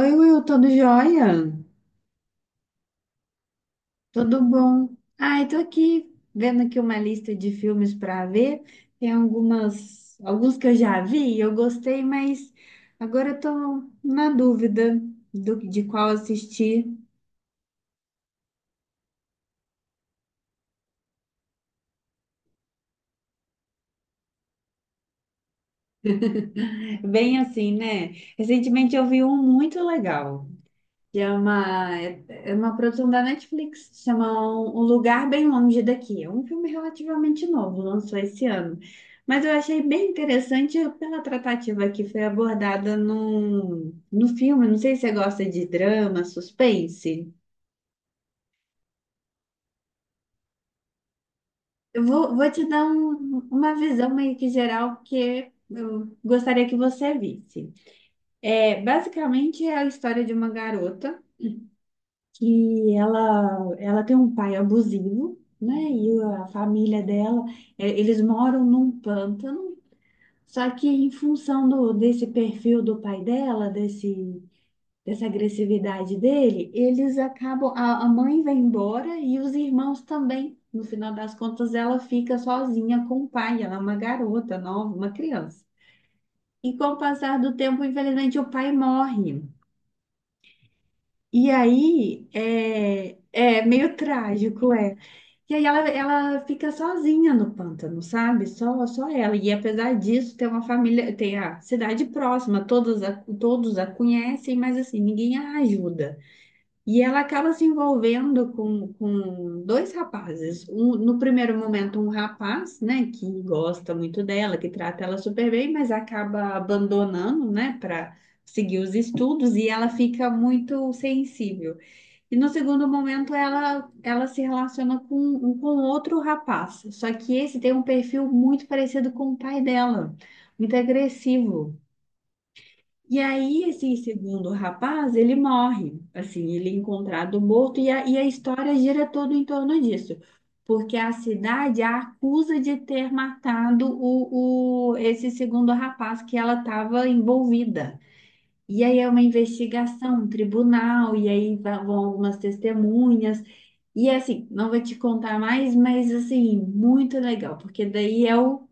Oi, Will, tudo jóia? Tudo bom? Ai, tô aqui vendo aqui uma lista de filmes para ver. Tem alguns que eu já vi e eu gostei, mas agora eu tô na dúvida de qual assistir. Bem assim, né? Recentemente eu vi um muito legal. Que é é uma produção da Netflix, se chama Um Lugar Bem Longe Daqui. É um filme relativamente novo, lançou esse ano. Mas eu achei bem interessante pela tratativa que foi abordada no filme. Não sei se você gosta de drama, suspense. Vou te dar uma visão meio que geral que eu gostaria que você visse. É, basicamente é a história de uma garota. Que ela tem um pai abusivo, né? E a família dela, é, eles moram num pântano, só que em função desse perfil do pai dela, desse, dessa agressividade dele, eles acabam, a mãe vai embora e os irmãos também. No final das contas, ela fica sozinha com o pai, ela é uma garota nova, uma criança. E com o passar do tempo, infelizmente, o pai morre. E aí é meio trágico, é. E aí ela fica sozinha no pântano, sabe? Só ela. E apesar disso, tem uma família, tem a cidade próxima, todos a conhecem, mas assim, ninguém a ajuda. E ela acaba se envolvendo com dois rapazes. Um, no primeiro momento, um rapaz, né, que gosta muito dela, que trata ela super bem, mas acaba abandonando, né, para seguir os estudos, e ela fica muito sensível. E no segundo momento ela se relaciona com um com outro rapaz. Só que esse tem um perfil muito parecido com o pai dela, muito agressivo. E aí esse segundo rapaz, ele morre, assim, ele é encontrado morto e e a história gira todo em torno disso. Porque a cidade a acusa de ter matado esse segundo rapaz que ela estava envolvida. E aí é uma investigação, um tribunal, e aí vão algumas testemunhas. E assim, não vou te contar mais, mas assim, muito legal, porque daí é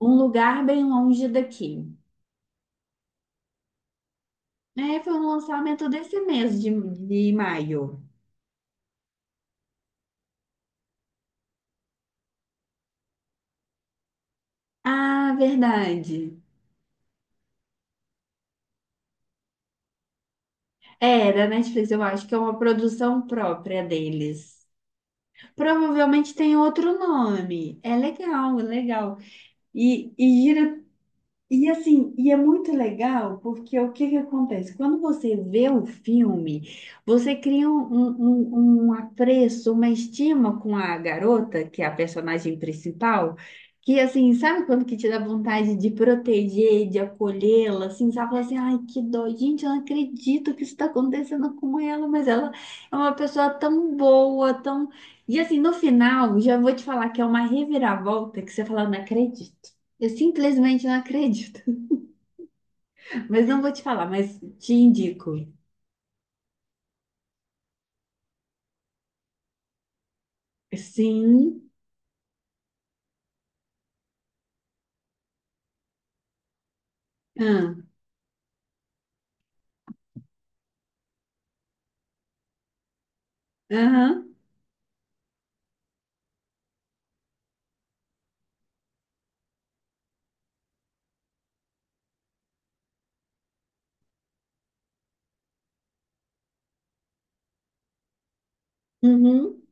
um lugar bem longe daqui. É, foi um lançamento desse mês de maio. Ah, verdade. É, da Netflix, eu acho que é uma produção própria deles. Provavelmente tem outro nome. É legal, é legal. E gira. E assim, e é muito legal porque o que que acontece? Quando você vê o filme, você cria um apreço, uma estima com a garota, que é a personagem principal, que assim, sabe quando que te dá vontade de proteger, de acolhê-la, assim, sabe? Fala assim, ai, que dó, gente, eu não acredito que isso está acontecendo com ela, mas ela é uma pessoa tão boa, tão... E assim, no final, já vou te falar que é uma reviravolta que você fala, não acredito. Eu simplesmente não acredito. Mas não vou te falar, mas te indico. Sim. Ah, aham, uhum.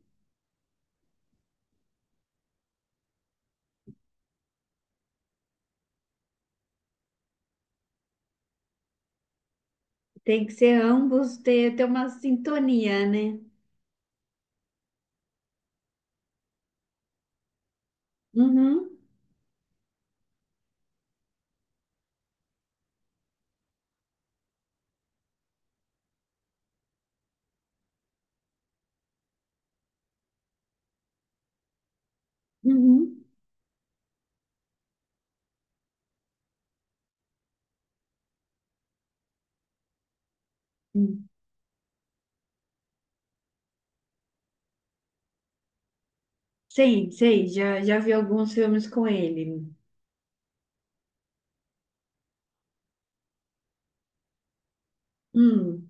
Tem que ser ambos ter uma sintonia, né? Uhum, uhum. Hum. Sei, sei. Já vi alguns filmes com ele. Hum,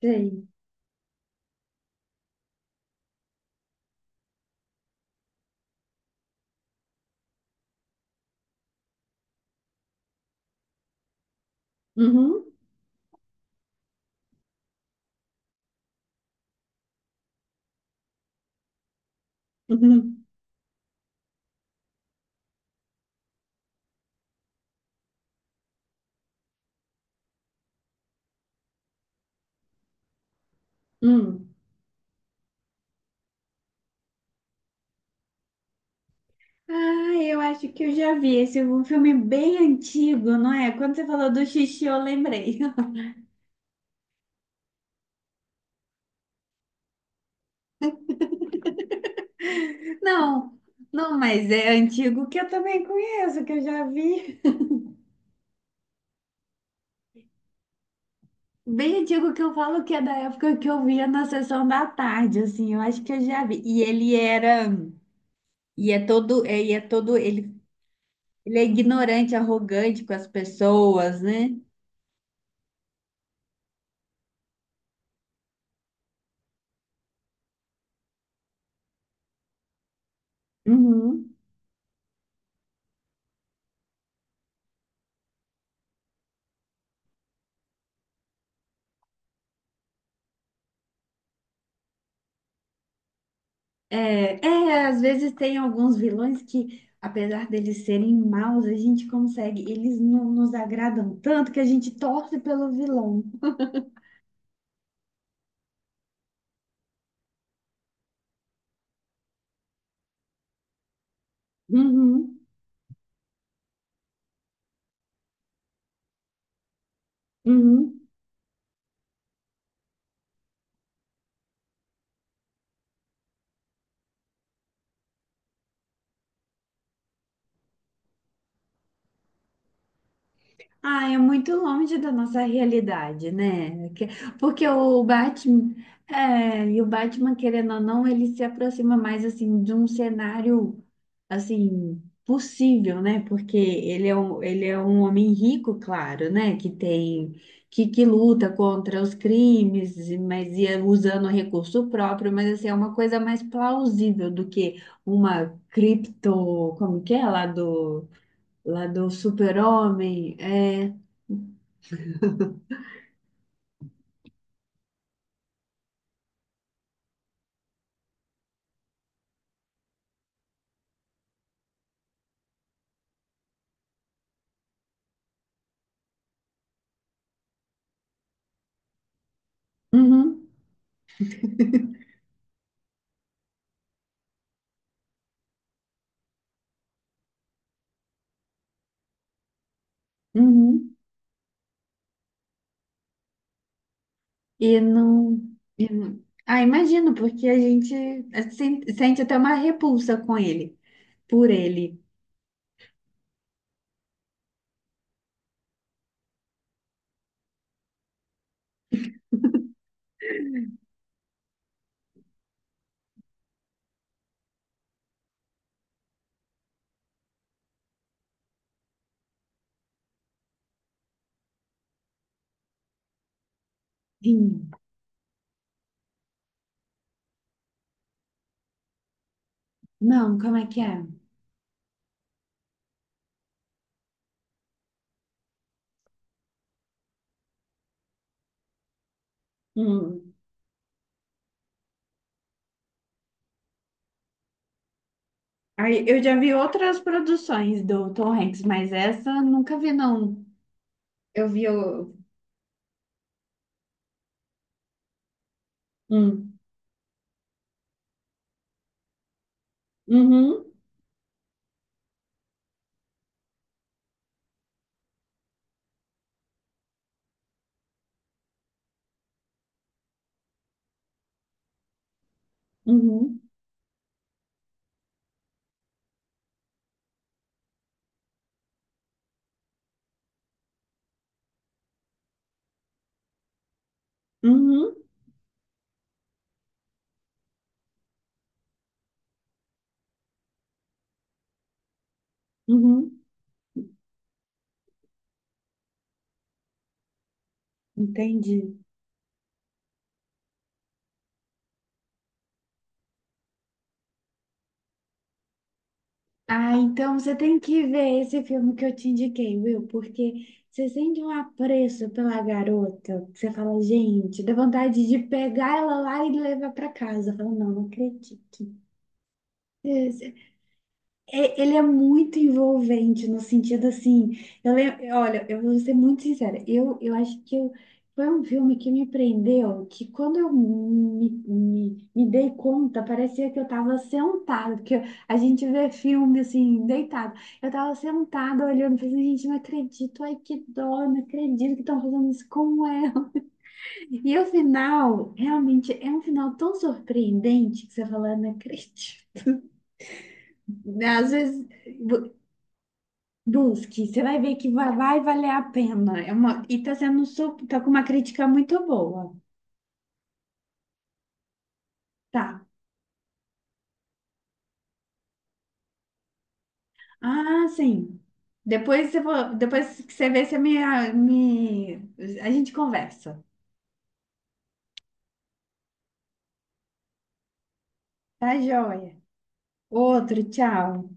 sei. Uhum, uhum, hum. Ah, eu acho que eu já vi. Esse é um filme bem antigo, não é? Quando você falou do xixi, eu lembrei. Não, não, mas é antigo que eu também conheço, que eu já vi. Bem antigo que eu falo que é da época que eu via na sessão da tarde, assim, eu acho que eu já vi. E ele era, e é todo, e é todo, ele é ignorante, arrogante com as pessoas, né? Uhum. É, é, às vezes tem alguns vilões que, apesar deles serem maus, a gente consegue, eles não nos agradam tanto que a gente torce pelo vilão. Uhum. Uhum. Ah, é muito longe da nossa realidade, né? Que... Porque o Batman, e o Batman, querendo ou não, ele se aproxima mais, assim, de um cenário, assim, possível, né? Porque ele é um homem rico, claro, né? Que tem, que luta contra os crimes, e... mas ia usando recurso próprio, mas, assim, é uma coisa mais plausível do que uma cripto, como que é, lá do super-homem, é... Uhum, uhum. E não... Ah, imagino, porque a gente sente até uma repulsa com ele, por ele. Hum. Não, como é que é? Hum. Aí, eu já vi outras produções do Tom Hanks, mas essa eu nunca vi, não. Eu vi o. Hum. Uhum, uhum, uhum, uhum. Entendi. Ah, então você tem que ver esse filme que eu te indiquei, Will, porque você sente um apreço pela garota, que você fala, gente, dá vontade de pegar ela lá e levar pra casa. Eu falo, não, não acredito. É, ele é muito envolvente no sentido assim, eu lembro, olha, eu vou ser muito sincera, eu acho que foi um filme que me prendeu, que quando eu me dei conta, parecia que eu estava sentada, porque a gente vê filme assim, deitado. Eu estava sentada olhando, pensando, gente, não acredito, ai que dó, não acredito que estão fazendo isso com ela. E o final, realmente, é um final tão surpreendente que você fala, não acredito. Às vezes. Busque, você vai ver que vai valer a pena. É uma, e tá sendo super, tá com uma crítica muito boa. Tá. Ah, sim. Depois, depois que você vê, você me, me. A gente conversa. Tá, joia? Outro, tchau.